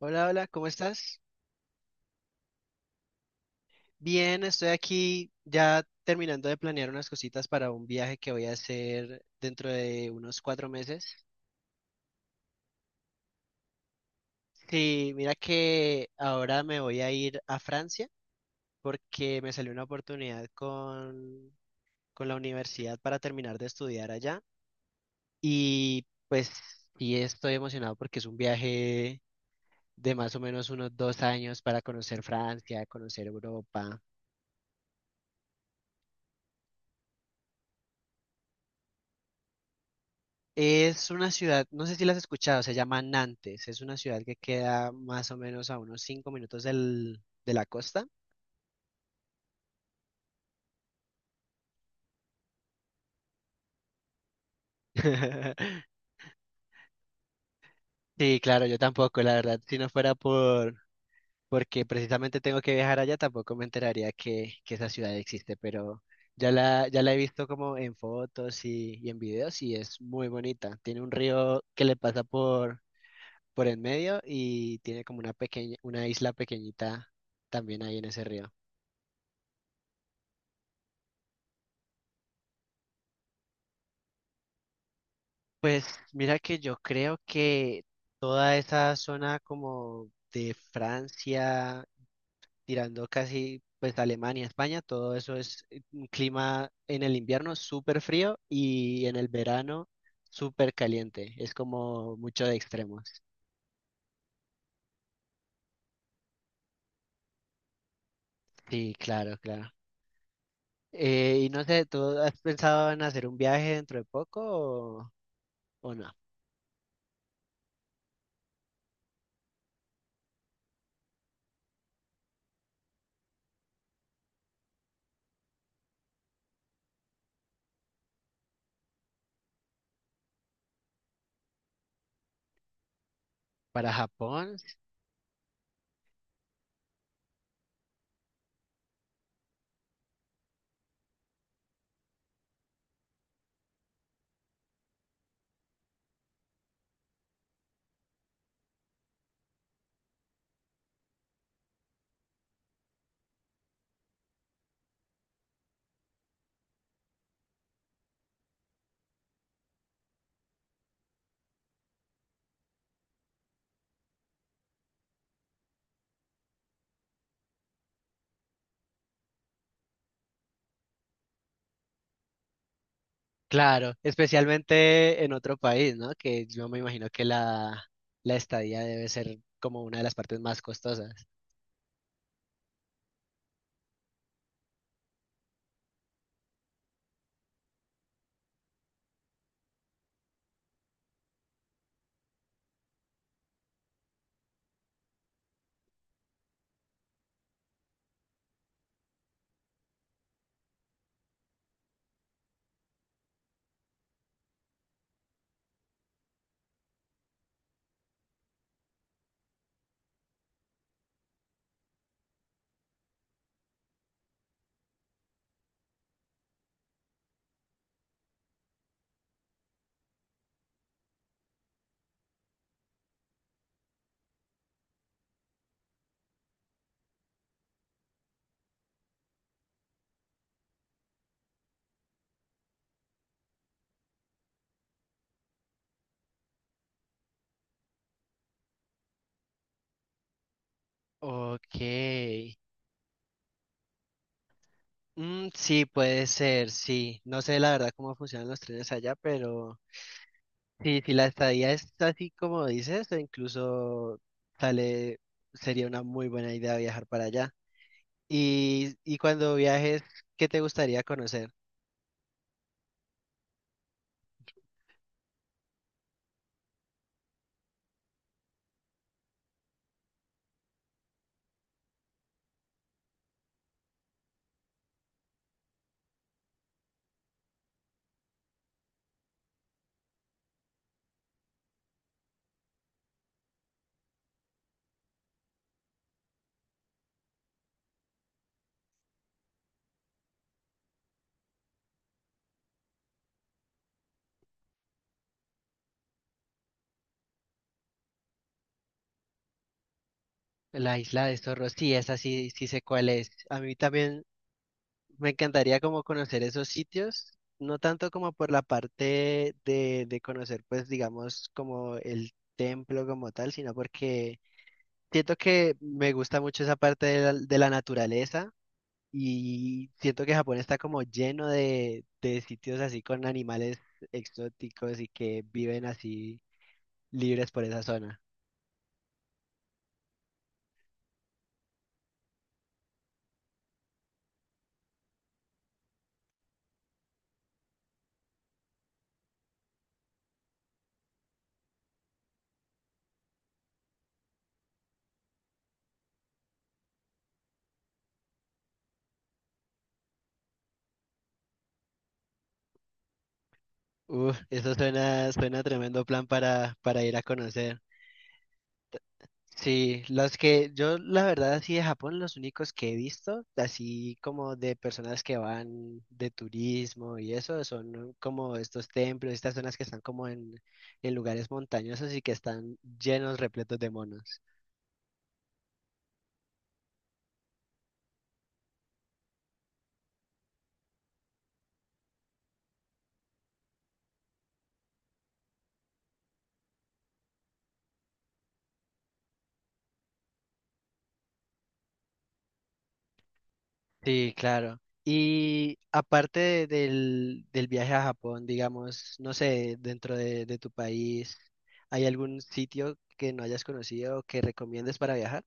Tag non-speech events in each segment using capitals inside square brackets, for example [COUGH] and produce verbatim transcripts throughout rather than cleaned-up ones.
Hola, hola, ¿cómo estás? Bien, estoy aquí ya terminando de planear unas cositas para un viaje que voy a hacer dentro de unos cuatro meses. Sí, mira que ahora me voy a ir a Francia porque me salió una oportunidad con, con la universidad para terminar de estudiar allá y pues sí estoy emocionado porque es un viaje de más o menos unos dos años para conocer Francia, conocer Europa. Es una ciudad, no sé si la has escuchado, se llama Nantes. Es una ciudad que queda más o menos a unos cinco minutos del, de la costa. [LAUGHS] Sí, claro, yo tampoco, la verdad. Si no fuera por, Porque precisamente tengo que viajar allá, tampoco me enteraría que, que esa ciudad existe, pero ya la, ya la he visto como en fotos y, y en videos y es muy bonita. Tiene un río que le pasa por, por en medio y tiene como una pequeña, una isla pequeñita también ahí en ese río. Pues mira que yo creo que toda esa zona como de Francia, tirando casi pues Alemania, España, todo eso es eh, un clima en el invierno súper frío y en el verano súper caliente. Es como mucho de extremos. Sí, claro, claro. Eh, y no sé, ¿tú has pensado en hacer un viaje dentro de poco o, o no? ¿Para Japón? Claro, especialmente en otro país, ¿no? Que yo me imagino que la, la estadía debe ser como una de las partes más costosas. Ok. Mm, sí, puede ser, sí. No sé la verdad cómo funcionan los trenes allá, pero sí, si la estadía es así como dices, o incluso sale, sería una muy buena idea viajar para allá. Y, y cuando viajes, ¿qué te gustaría conocer? La isla de Zorro, sí, esa sí, sí sé cuál es. A mí también me encantaría como conocer esos sitios, no tanto como por la parte de, de conocer, pues digamos, como el templo como tal, sino porque siento que me gusta mucho esa parte de la, de la naturaleza y siento que Japón está como lleno de, de sitios así con animales exóticos y que viven así libres por esa zona. Uf, eso suena, suena tremendo plan para, para ir a conocer. Sí, los que yo la verdad así de Japón, los únicos que he visto, así como de personas que van de turismo y eso, son como estos templos, estas zonas que están como en, en lugares montañosos y que están llenos, repletos de monos. Sí, claro. Y aparte de- del, del viaje a Japón, digamos, no sé, dentro de, de tu país, ¿hay algún sitio que no hayas conocido que recomiendes para viajar?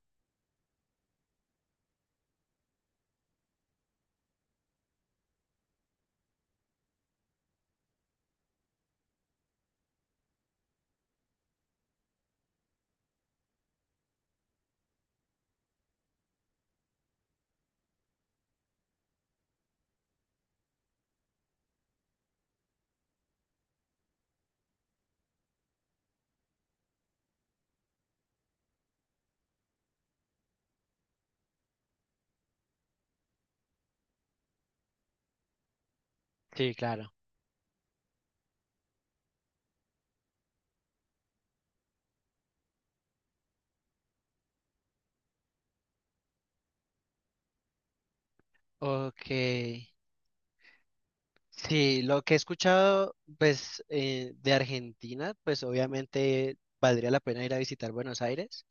Sí, claro. Ok. Sí, lo que he escuchado, pues, eh, de Argentina, pues obviamente valdría la pena ir a visitar Buenos Aires,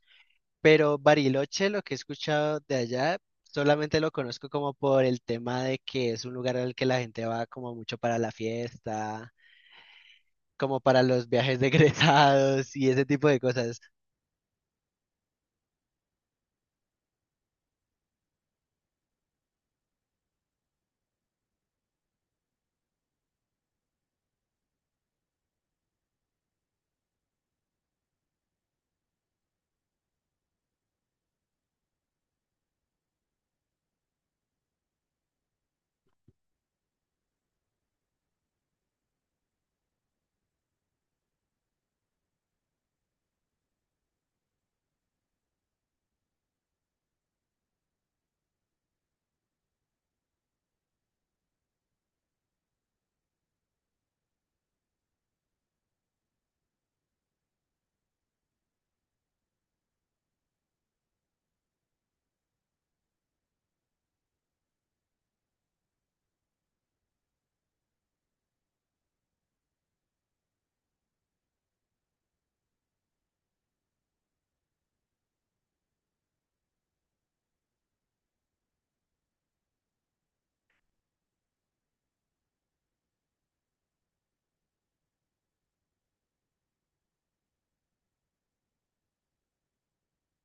pero Bariloche, lo que he escuchado de allá, solamente lo conozco como por el tema de que es un lugar al que la gente va como mucho para la fiesta, como para los viajes de egresados y ese tipo de cosas.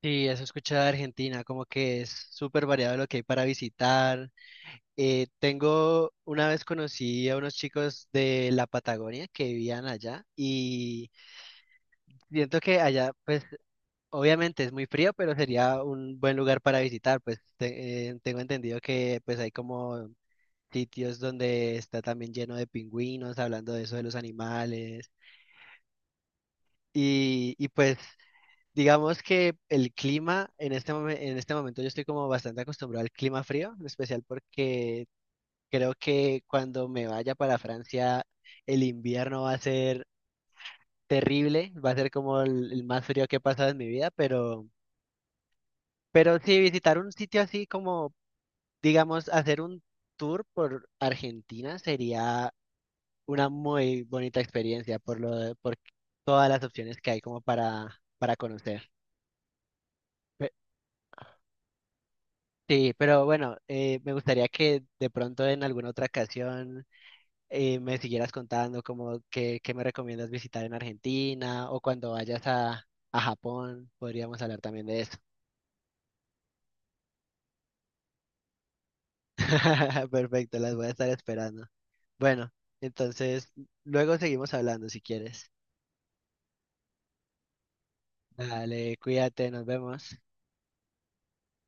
Sí, eso he escuchado de Argentina, como que es súper variado lo que hay para visitar. Eh, tengo, una vez conocí a unos chicos de la Patagonia que vivían allá y siento que allá, pues obviamente es muy frío, pero sería un buen lugar para visitar, pues te- eh, tengo entendido que pues hay como sitios donde está también lleno de pingüinos, hablando de eso de los animales y, y pues digamos que el clima en este momen- en este momento yo estoy como bastante acostumbrado al clima frío, en especial porque creo que cuando me vaya para Francia, el invierno va a ser terrible, va a ser como el, el más frío que he pasado en mi vida, pero, pero sí, visitar un sitio así como, digamos, hacer un tour por Argentina sería una muy bonita experiencia por lo de- por todas las opciones que hay como para, para conocer. Pe- Sí, pero bueno, eh, me gustaría que de pronto en alguna otra ocasión eh, me siguieras contando como qué, qué me recomiendas visitar en Argentina o cuando vayas a, a Japón, podríamos hablar también de eso. [LAUGHS] Perfecto, las voy a estar esperando. Bueno, entonces luego seguimos hablando si quieres. Dale, cuídate, nos vemos.